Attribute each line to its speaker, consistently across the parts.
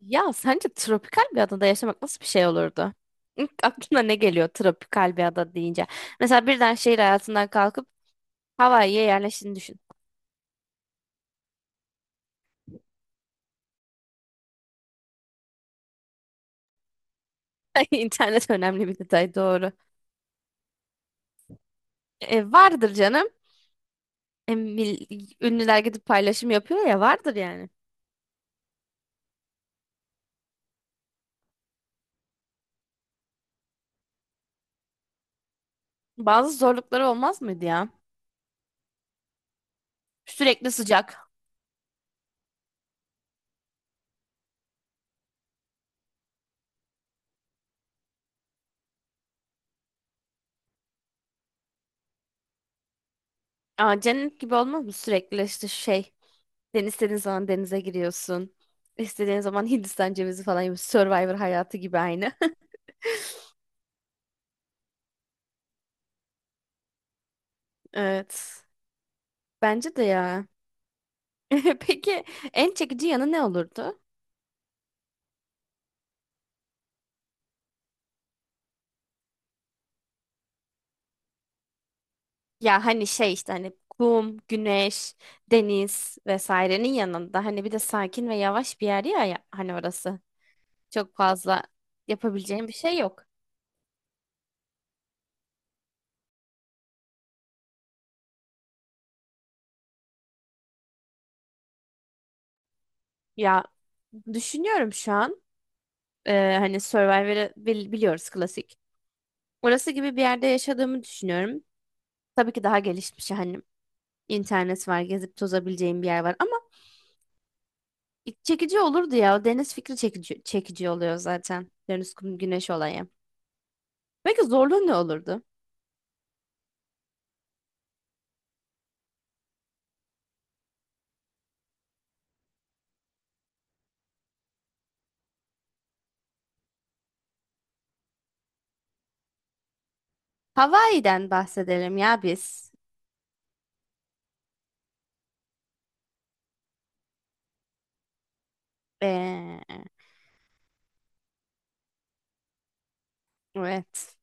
Speaker 1: Ya sence tropikal bir adada yaşamak nasıl bir şey olurdu? İlk aklına ne geliyor tropikal bir ada deyince? Mesela birden şehir hayatından kalkıp Hawaii'ye yerleştiğini düşün. İnternet önemli bir detay, doğru. Vardır canım. Ünlüler gidip paylaşım yapıyor ya, vardır yani. Bazı zorlukları olmaz mıydı ya? Sürekli sıcak. Aa, cennet gibi olmaz mı? Sürekli işte şey. Deniz, istediğin zaman denize giriyorsun. İstediğin zaman Hindistan cevizi falan gibi. Survivor hayatı gibi aynı. Evet. Bence de ya. Peki, en çekici yanı ne olurdu? Ya hani şey işte hani kum, güneş, deniz vesairenin yanında hani bir de sakin ve yavaş bir yer ya, ya hani orası. Çok fazla yapabileceğim bir şey yok. Ya düşünüyorum şu an. Hani Survivor'ı biliyoruz, klasik. Orası gibi bir yerde yaşadığımı düşünüyorum. Tabii ki daha gelişmiş, hani internet var, gezip tozabileceğim bir yer var. Çekici olurdu ya. O deniz fikri çekici, çekici oluyor zaten. Deniz, kum, güneş olayı. Peki zorluğu ne olurdu? Hawaii'den bahsedelim ya biz. Ee, evet.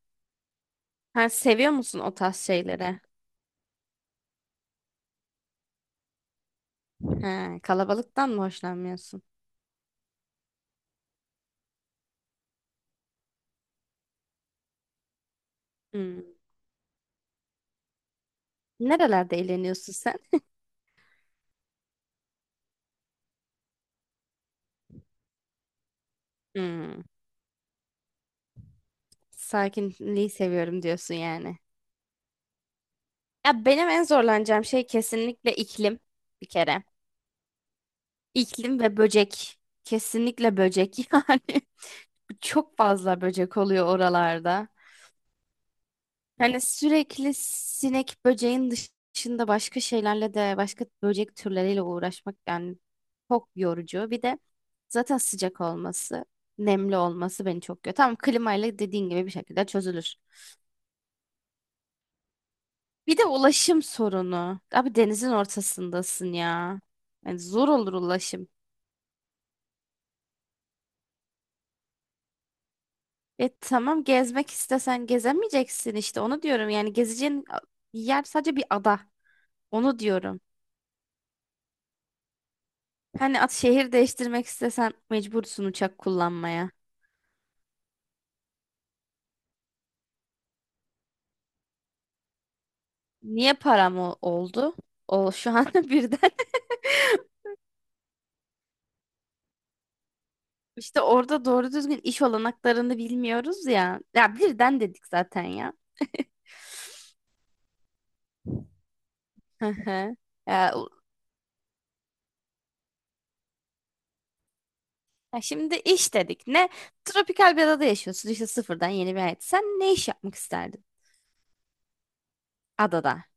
Speaker 1: Ha, seviyor musun o tarz şeyleri? Ha, kalabalıktan mı hoşlanmıyorsun? Hmm. Nerelerde eğleniyorsun sen? Hmm. Sakinliği seviyorum diyorsun yani. Ya benim en zorlanacağım şey kesinlikle iklim, bir kere. İklim ve böcek. Kesinlikle böcek yani. Çok fazla böcek oluyor oralarda. Yani sürekli sinek böceğin dışında başka şeylerle de, başka böcek türleriyle uğraşmak yani çok yorucu. Bir de zaten sıcak olması, nemli olması beni çok yoruyor. Tamam, klimayla dediğin gibi bir şekilde çözülür. Bir de ulaşım sorunu. Abi denizin ortasındasın ya. Yani zor olur ulaşım. E tamam, gezmek istesen gezemeyeceksin, işte onu diyorum. Yani gezeceğin yer sadece bir ada. Onu diyorum. Hani at, şehir değiştirmek istesen mecbursun uçak kullanmaya. Niye param oldu? O şu an birden. İşte orada doğru düzgün iş olanaklarını bilmiyoruz ya. Ya birden dedik zaten ya. Hı hı. Ya, u- Ya şimdi iş dedik. Ne? Tropikal bir adada yaşıyorsun. İşte sıfırdan yeni bir hayat. Sen ne iş yapmak isterdin adada?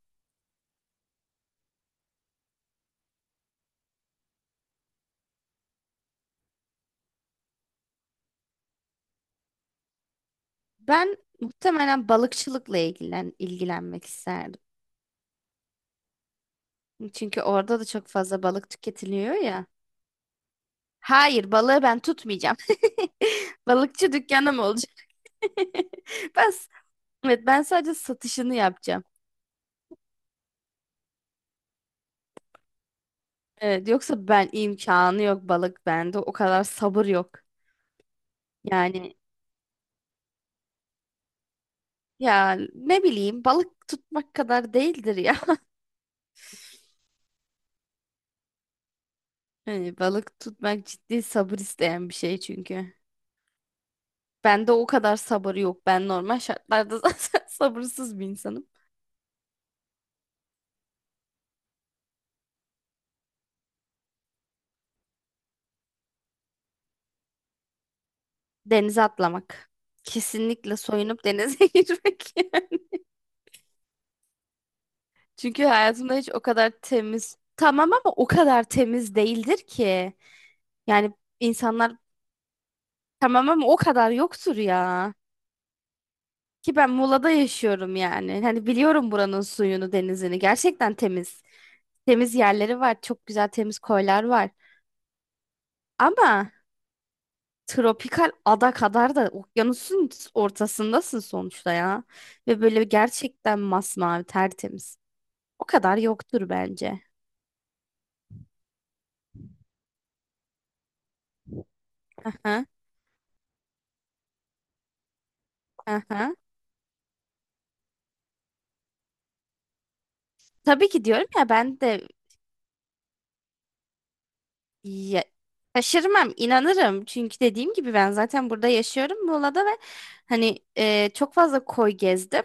Speaker 1: Ben muhtemelen balıkçılıkla ilgilenmek isterdim. Çünkü orada da çok fazla balık tüketiliyor ya. Hayır, balığı ben tutmayacağım. Balıkçı dükkanım olacak. Ben, s- evet, ben sadece satışını yapacağım. Evet, yoksa ben imkanı yok balık bende. O kadar sabır yok. Yani ya ne bileyim, balık tutmak kadar değildir ya. Hani balık tutmak ciddi sabır isteyen bir şey çünkü. Bende o kadar sabır yok. Ben normal şartlarda zaten sabırsız bir insanım. Denize atlamak. Kesinlikle soyunup denize girmek. Çünkü hayatımda hiç o kadar temiz, tamam ama o kadar temiz değildir ki. Yani insanlar, tamam ama o kadar yoktur ya. Ki ben Muğla'da yaşıyorum yani. Hani biliyorum buranın suyunu, denizini. Gerçekten temiz. Temiz yerleri var. Çok güzel temiz koylar var. Ama tropikal ada kadar da okyanusun ortasındasın sonuçta ya. Ve böyle gerçekten masmavi, tertemiz. O kadar yoktur bence. Aha, aha. Tabii ki, diyorum ya ben de. Ya, şaşırmam, inanırım. Çünkü dediğim gibi ben zaten burada yaşıyorum Muğla'da ve hani çok fazla koy gezdim.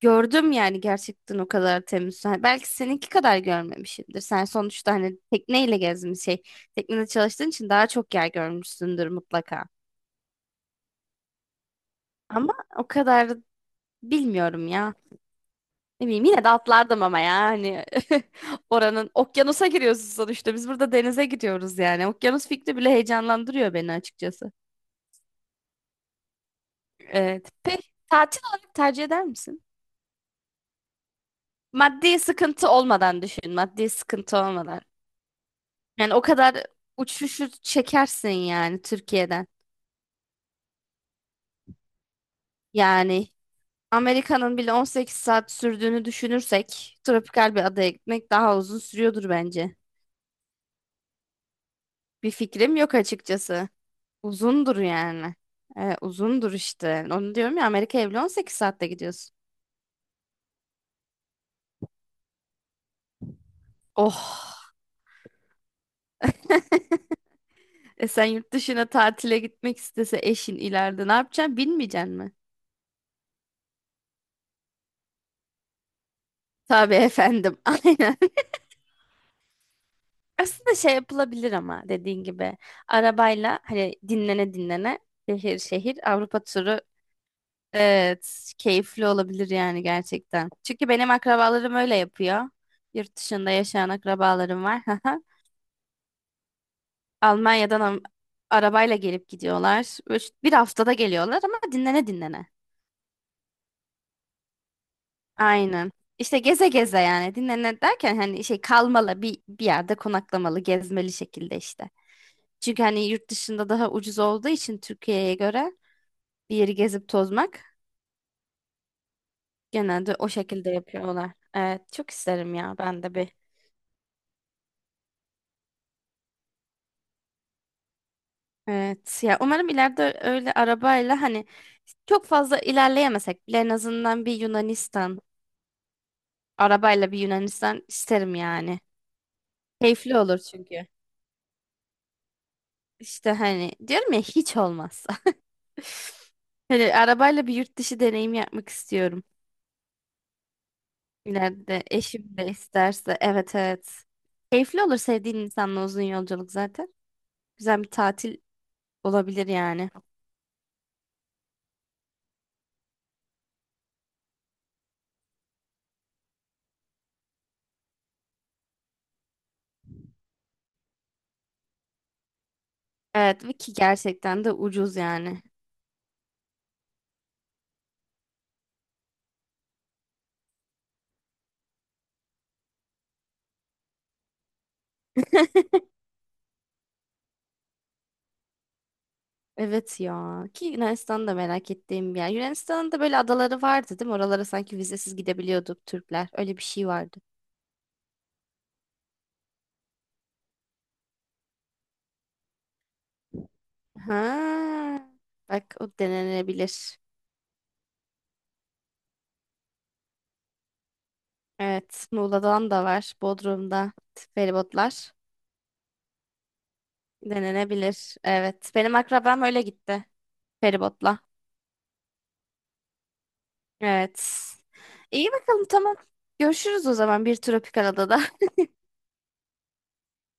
Speaker 1: Gördüm yani, gerçekten o kadar temiz. Hani belki seninki kadar görmemişimdir. Sen sonuçta hani tekneyle gezmiş şey. Teknede çalıştığın için daha çok yer görmüşsündür mutlaka. Ama o kadar bilmiyorum ya. Ne bileyim, yine de atlardım ama ya hani oranın okyanusa giriyorsun sonuçta. Biz burada denize gidiyoruz yani. Okyanus fikri bile heyecanlandırıyor beni açıkçası. Evet. Peki tatil olarak tercih eder misin? Maddi sıkıntı olmadan düşün. Maddi sıkıntı olmadan. Yani o kadar uçuşu çekersin yani Türkiye'den. Yani Amerika'nın bile 18 saat sürdüğünü düşünürsek tropikal bir adaya gitmek daha uzun sürüyordur bence. Bir fikrim yok açıkçası. Uzundur yani. Uzundur işte. Onu diyorum ya, Amerika'ya bile 18 saatte gidiyorsun. Oh. E sen yurt dışına tatile gitmek istese eşin ileride ne yapacaksın? Bilmeyeceksin mi? Tabii efendim. Aynen. Aslında şey yapılabilir ama dediğin gibi arabayla hani dinlene dinlene şehir şehir Avrupa turu, evet, keyifli olabilir yani gerçekten. Çünkü benim akrabalarım öyle yapıyor. Yurt dışında yaşayan akrabalarım var. Almanya'dan am- Arabayla gelip gidiyorlar. Üç, bir haftada geliyorlar ama dinlene dinlene. Aynen. İşte geze geze, yani dinlene derken hani şey kalmalı, bir yerde konaklamalı, gezmeli şekilde işte. Çünkü hani yurt dışında daha ucuz olduğu için Türkiye'ye göre bir yeri gezip tozmak genelde o şekilde yapıyorlar. Evet, çok isterim ya ben de bir. Evet ya, umarım ileride öyle arabayla hani çok fazla ilerleyemesek bile en azından bir Yunanistan, arabayla bir Yunanistan isterim yani. Keyifli olur çünkü. İşte hani diyorum ya, hiç olmazsa. Hani arabayla bir yurt dışı deneyim yapmak istiyorum. İleride eşim de isterse. Evet evet. Keyifli olur sevdiğin insanla uzun yolculuk zaten. Güzel bir tatil olabilir yani. Evet ve ki gerçekten de ucuz yani. Evet ya, ki Yunanistan'da merak ettiğim bir yer. Yunanistan'ın da böyle adaları vardı değil mi? Oralara sanki vizesiz gidebiliyorduk Türkler. Öyle bir şey vardı. Ha, bak o denenebilir. Evet Muğla'dan da var. Bodrum'da feribotlar denenebilir. Evet benim akrabam öyle gitti, feribotla. Evet. İyi bakalım, tamam. Görüşürüz o zaman bir tropikal adada.